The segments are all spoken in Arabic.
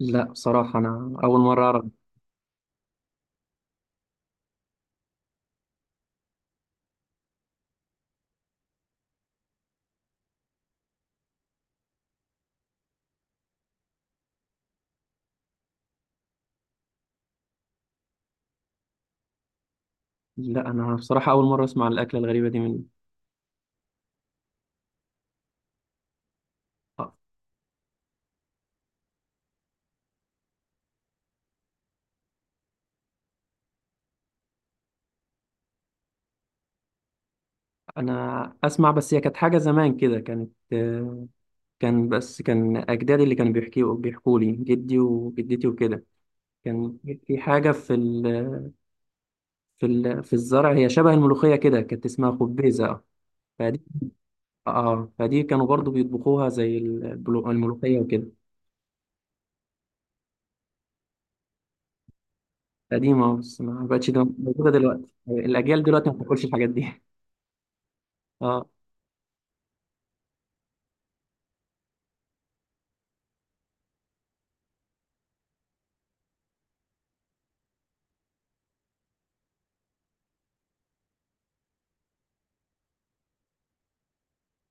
لا، بصراحة أنا أول مرة أعرف. لا، أنا بصراحة أول مرة أسمع عن الأكلة الغريبة دي من آه، أنا أسمع. بس هي كانت حاجة زمان كده كانت كان بس كان أجدادي اللي كانوا بيحكوا لي، جدي وجدتي وكده. كان في حاجة في الزرع، هي شبه الملوخية كده، كانت اسمها خبيزة. فدي، آه فدي كانوا برضو بيطبخوها زي الملوخية وكده. قديمة بس ما بقتش موجودة دلوقتي، الأجيال دلوقتي ما بتاكلش الحاجات دي. آه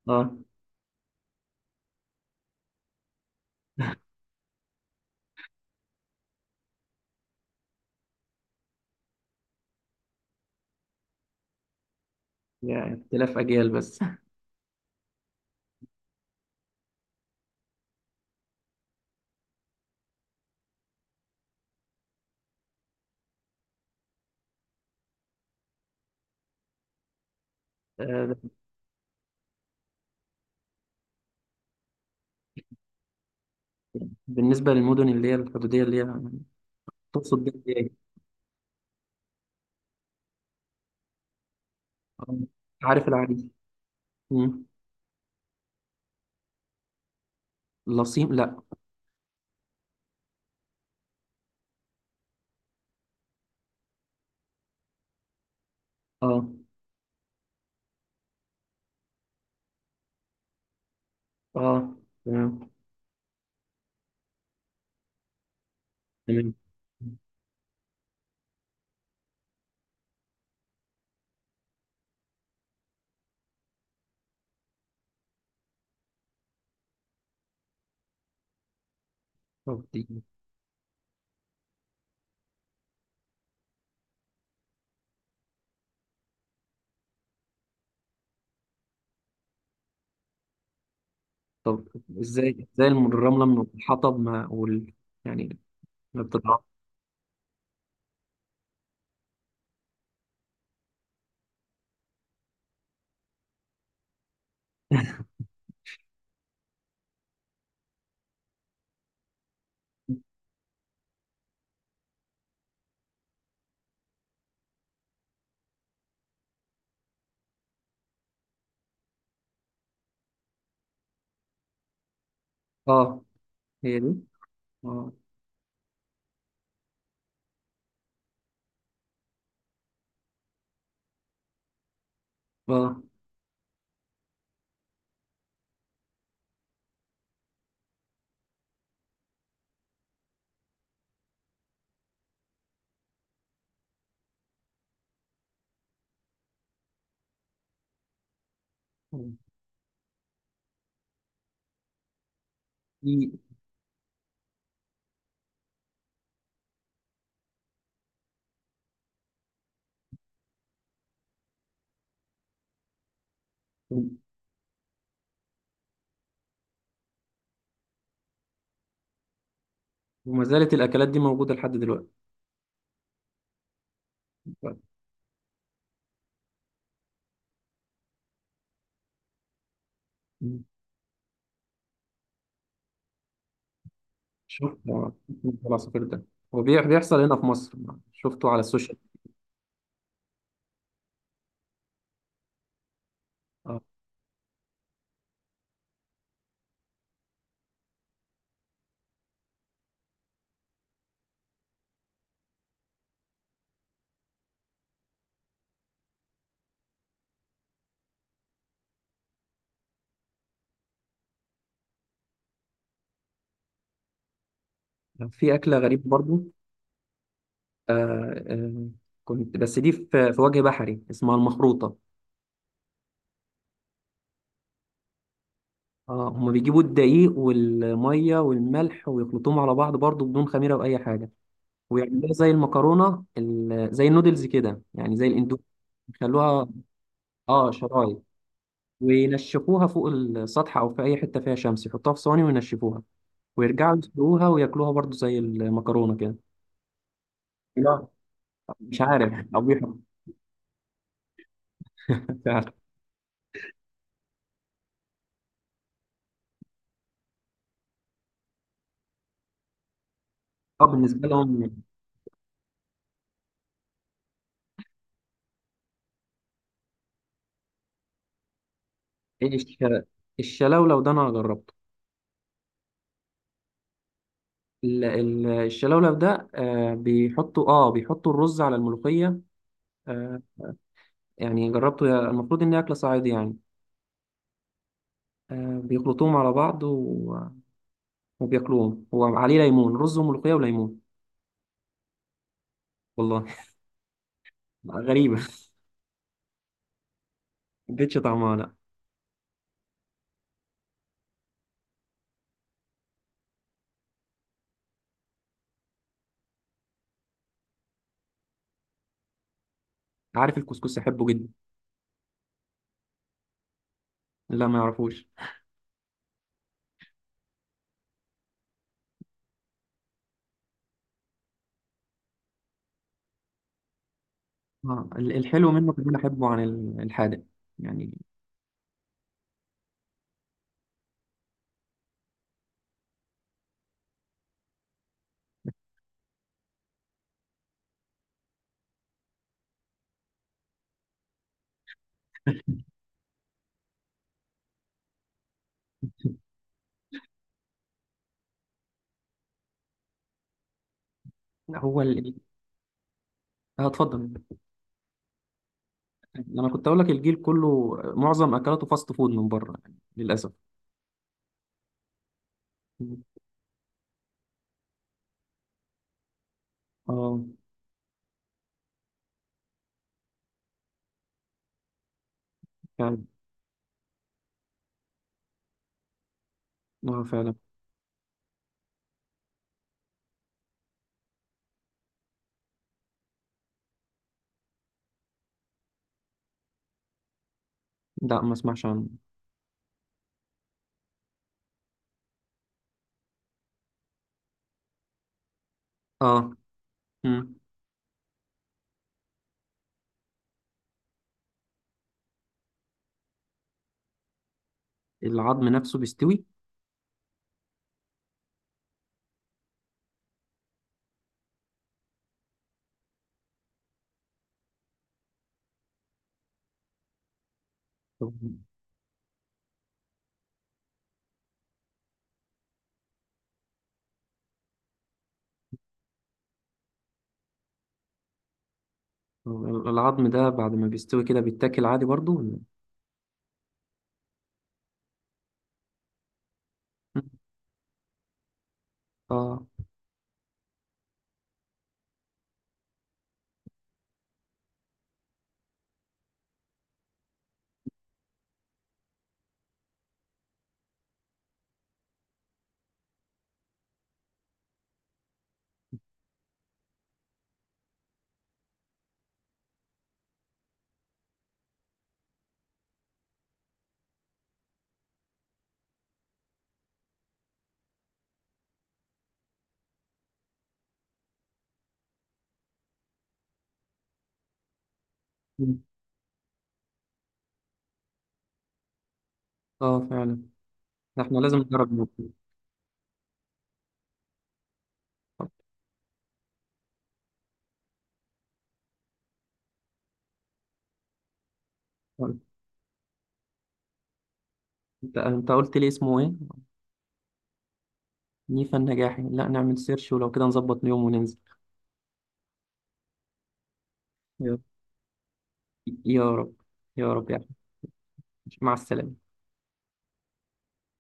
آه. يعني اختلاف أجيال بس. آه، بالنسبة للمدن اللي هي الحدودية، اللي هي تقصد بيها إيه؟ آه، عارف العريش. مم. لصيم؟ لا. اه اه. تمام. تمام. طب دي. طب ازاي؟ ازاي الرملة من الحطب ما وال، يعني ما بتتعرف؟ اه هي دي. اه اه. دي وما زالت الأكلات دي موجودة لحد دلوقتي؟ مم. شوف آه، العصافير ده هو بيحصل هنا في مصر، شفته على السوشيال. آه. في أكلة غريبة برضو. آه آه، كنت بس دي في وجه بحري اسمها المخروطة. اه، هما بيجيبوا الدقيق والمية والملح ويخلطوهم على بعض برضو بدون خميرة أو أي حاجة، ويعملوها زي زي النودلز كده، يعني زي الاندومي. يخلوها اه شرايط، وينشفوها فوق السطح أو في أي حتة فيها شمس، يحطوها في صواني وينشفوها، ويرجعوا يسلقوها وياكلوها برضو زي المكرونة كده. لا، مش عارف أبيهم. مش عارف. اه، بالنسبة لهم. إيه الشلولو ده أنا جربته. الشلولب ده آه، بيحطوا اه بيحطوا الرز على الملوخية. آه، يعني جربته، المفروض ان هي اكلة صعيدي يعني. آه، بيخلطوهم على بعض وبياكلوهم، وعليه ليمون، رز وملوخية وليمون. والله. غريبة. ما اديتش طعمها لا. عارف الكسكس، احبه جدا. لا، ما يعرفوش. اه، الحلو منه كمان احبه عن الحادق يعني. هو ال... اه، اتفضل. انا كنت اقول لك الجيل كله معظم اكلاته فاست فود من بره، يعني للاسف. اه، فعلا. اه، فعلا. لا، ما اسمعش عنه. اه. مم. العظم نفسه بيستوي؟ طب. طب العظم ده بعد ما بيستوي كده بيتاكل عادي برضو ولا؟ مم. اه. مم. اه فعلا. ده احنا لازم نجرب نعمل. طب. طب. انت قلت لي اسمه ايه؟ نيفا النجاحي. لا نعمل سيرش، ولو كده نظبط يوم وننزل. يلا. يا رب. يا رب يا احمد. مع السلامة